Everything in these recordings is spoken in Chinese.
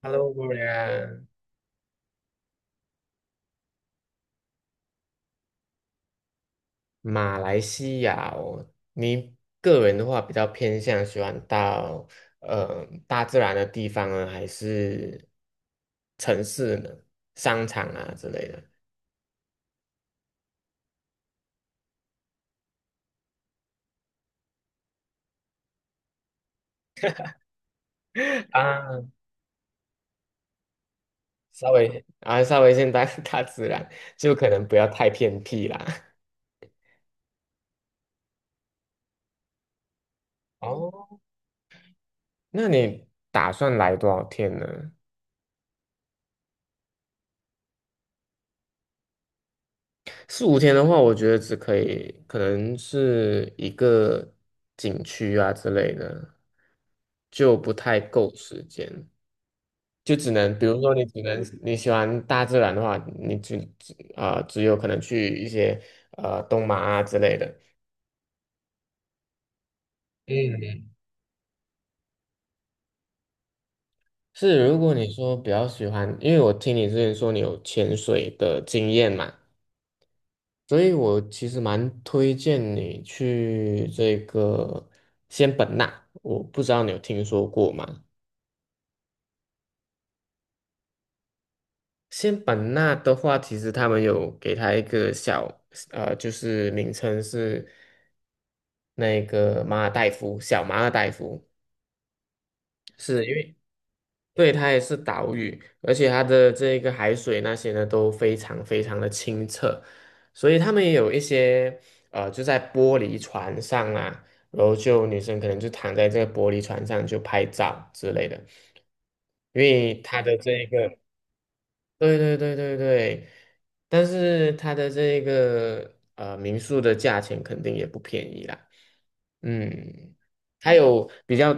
Hello，果然，马来西亚哦，你个人的话比较偏向喜欢到大自然的地方呢，还是城市呢？商场啊之类的。 啊，稍微 大自然，就可能不要太偏僻啦。哦，那你打算来多少天呢？四五天的话，我觉得只可以，可能是一个景区啊之类的，就不太够时间，就只能，比如说你只能你喜欢大自然的话，你只有可能去一些东马啊之类的。嗯，是，如果你说比较喜欢，因为我听你之前说你有潜水的经验嘛。所以我其实蛮推荐你去这个仙本那，我不知道你有听说过吗？仙本那的话，其实他们有给它一个小，就是名称是那个马尔代夫，小马尔代夫，是因为对，它也是岛屿，而且它的这个海水那些呢都非常非常的清澈，所以他们也有一些就在玻璃船上啊，然后就女生可能就躺在这个玻璃船上就拍照之类的，因为它的这一个对对对对对，但是它的这个民宿的价钱肯定也不便宜啦。嗯，还有比较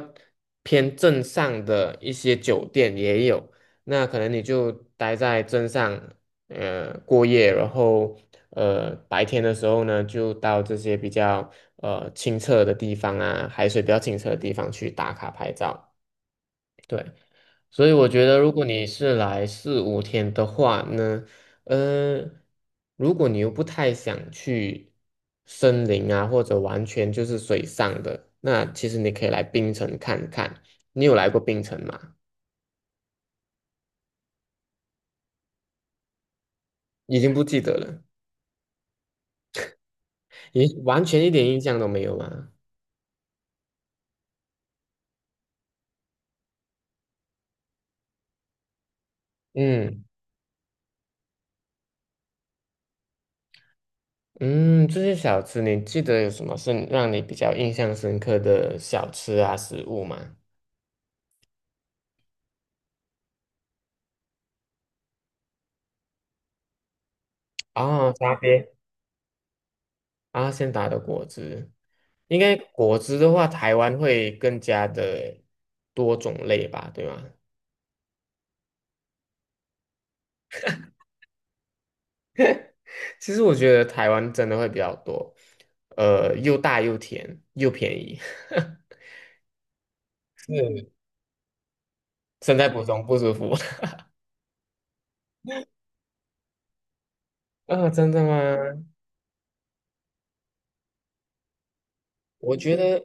偏镇上的一些酒店也有，那可能你就待在镇上，过夜，然后白天的时候呢，就到这些比较清澈的地方啊，海水比较清澈的地方去打卡拍照。对，所以我觉得，如果你是来四五天的话呢，呃，如果你又不太想去森林啊，或者完全就是水上的，那其实你可以来冰城看看。你有来过冰城吗？已经不记得了，也完全一点印象都没有吗？嗯嗯，这些小吃你记得有什么是让你比较印象深刻的小吃啊食物吗？啊，沙爹。阿仙达的果汁，应该果汁的话，台湾会更加的多种类吧，对吗？其实我觉得台湾真的会比较多，又大又甜又便宜，是，身在福中不知福。啊，真的吗？我觉得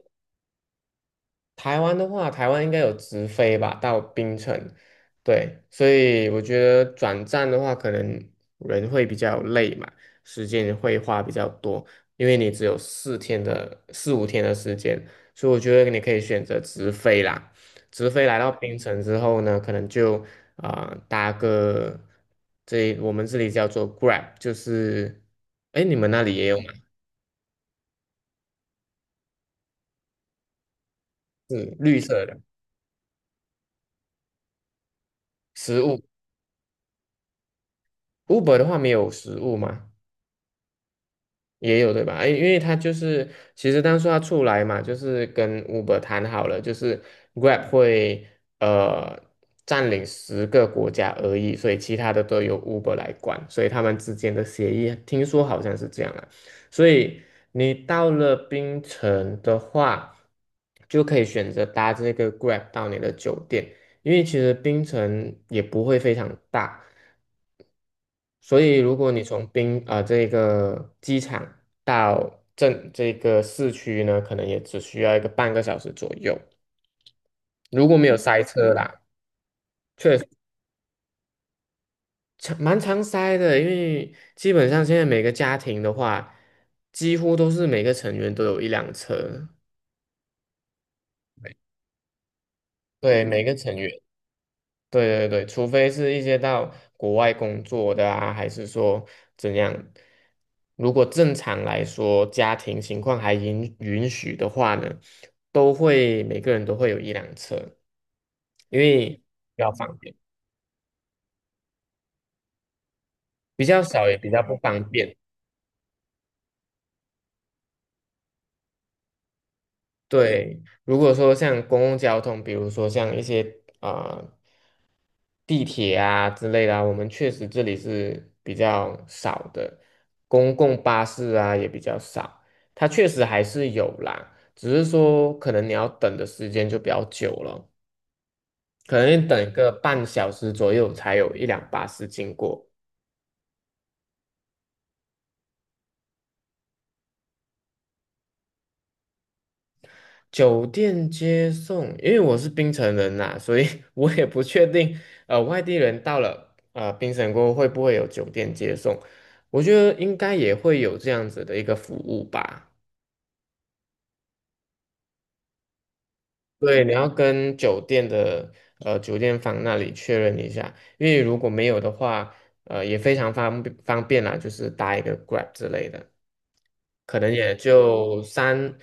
台湾的话，台湾应该有直飞吧，到槟城。对，所以我觉得转站的话，可能人会比较累嘛，时间会花比较多，因为你只有四天的四五天的时间，所以我觉得你可以选择直飞啦。直飞来到槟城之后呢，可能就搭个这我们这里叫做 Grab，就是哎你们那里也有吗？是绿色的食物。Uber 的话没有食物吗？也有对吧？哎，因为他就是其实当初他出来嘛，就是跟 Uber 谈好了，就是 Grab 会呃占领10个国家而已，所以其他的都由 Uber 来管，所以他们之间的协议听说好像是这样啊。所以你到了槟城的话，就可以选择搭这个 Grab 到你的酒店，因为其实槟城也不会非常大。所以如果你从这个机场到镇这个市区呢，可能也只需要一个半个小时左右，如果没有塞车嗯啦，确实常蛮常塞的，因为基本上现在每个家庭的话，几乎都是每个成员都有一辆车，对，每个成员。对对对，除非是一些到国外工作的啊，还是说怎样？如果正常来说，家庭情况还允许的话呢，都会每个人都会有一辆车，因为比较方便，比较少也比较不方便。对，如果说像公共交通，比如说像一些啊、呃地铁啊之类的啊我们确实这里是比较少的，公共巴士啊也比较少，它确实还是有啦，只是说可能你要等的时间就比较久了，可能你等一个半小时左右才有一辆巴士经过。酒店接送，因为我是槟城人呐、所以 我也不确定，外地人到了槟城过后会不会有酒店接送，我觉得应该也会有这样子的一个服务吧。对，你要跟酒店的酒店房那里确认一下，因为如果没有的话，也非常方便啦，就是搭一个 Grab 之类的，可能也就三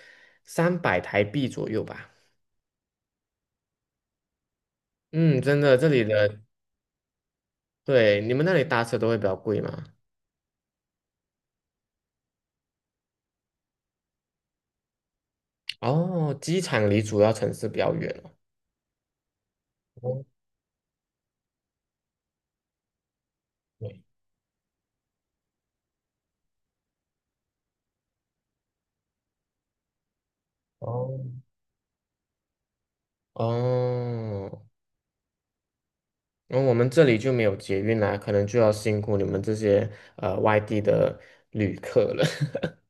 三百台币左右吧。嗯，真的，这里的，对，你们那里搭车都会比较贵吗？哦，机场离主要城市比较远哦。哦对哦哦，然后我们这里就没有捷运啦，可能就要辛苦你们这些外地的旅客了。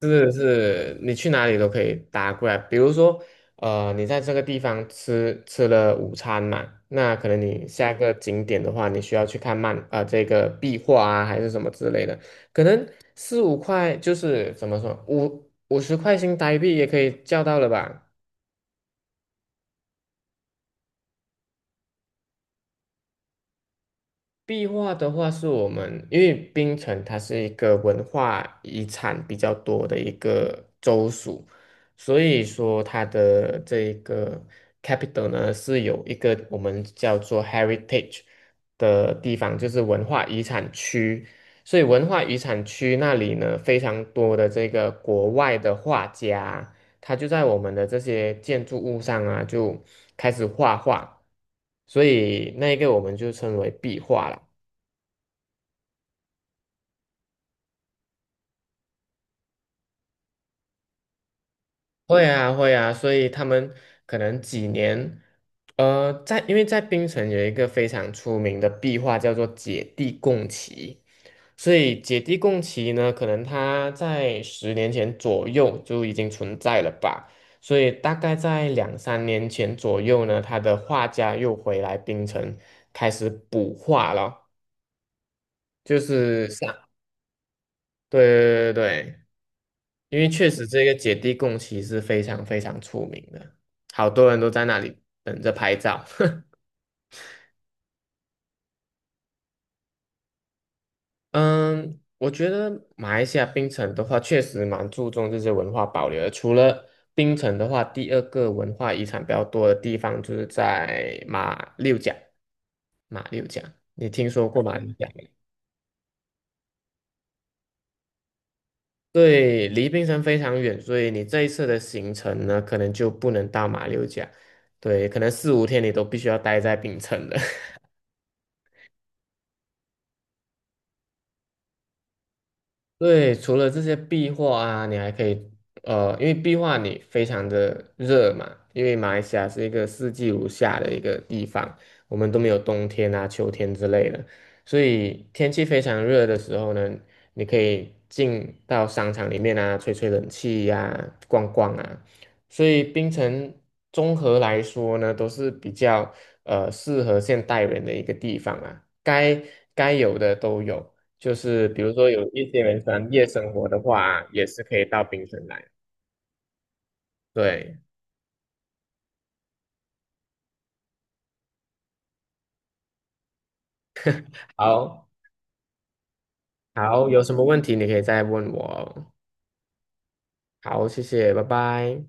是是，你去哪里都可以搭过来。比如说，你在这个地方吃了午餐嘛，那可能你下一个景点的话，你需要去看漫啊、这个壁画啊，还是什么之类的，可能四五块就是怎么说，五十块新台币也可以叫到了吧？壁画的话，是我们因为槟城它是一个文化遗产比较多的一个州属，所以说它的这一个 capital 呢是有一个我们叫做 heritage 的地方，就是文化遗产区。所以文化遗产区那里呢，非常多的这个国外的画家，他就在我们的这些建筑物上啊，就开始画画，所以那一个我们就称为壁画了。会啊，会啊，所以他们可能几年，在因为在槟城有一个非常出名的壁画叫做《姐弟共骑》，所以《姐弟共骑》呢，可能他在10年前左右就已经存在了吧，所以大概在两三年前左右呢，他的画家又回来槟城开始补画了，就是像，对对对对。因为确实这个姐弟共骑是非常非常出名的，好多人都在那里等着拍照。嗯，我觉得马来西亚槟城的话，确实蛮注重这些文化保留的。除了槟城的话，第二个文化遗产比较多的地方就是在马六甲。马六甲，你听说过马六甲没？对，离槟城非常远，所以你这一次的行程呢，可能就不能到马六甲。对，可能四五天你都必须要待在槟城的。对，除了这些壁画啊，你还可以，因为壁画你非常的热嘛，因为马来西亚是一个四季如夏的一个地方，我们都没有冬天啊、秋天之类的，所以天气非常热的时候呢，你可以进到商场里面啊，吹吹冷气呀、逛逛啊，所以槟城综合来说呢，都是比较适合现代人的一个地方啊，该有的都有。就是比如说有一些人喜欢夜生活的话，也是可以到槟城来。对，好，好，有什么问题你可以再问我哦。好，谢谢，拜拜。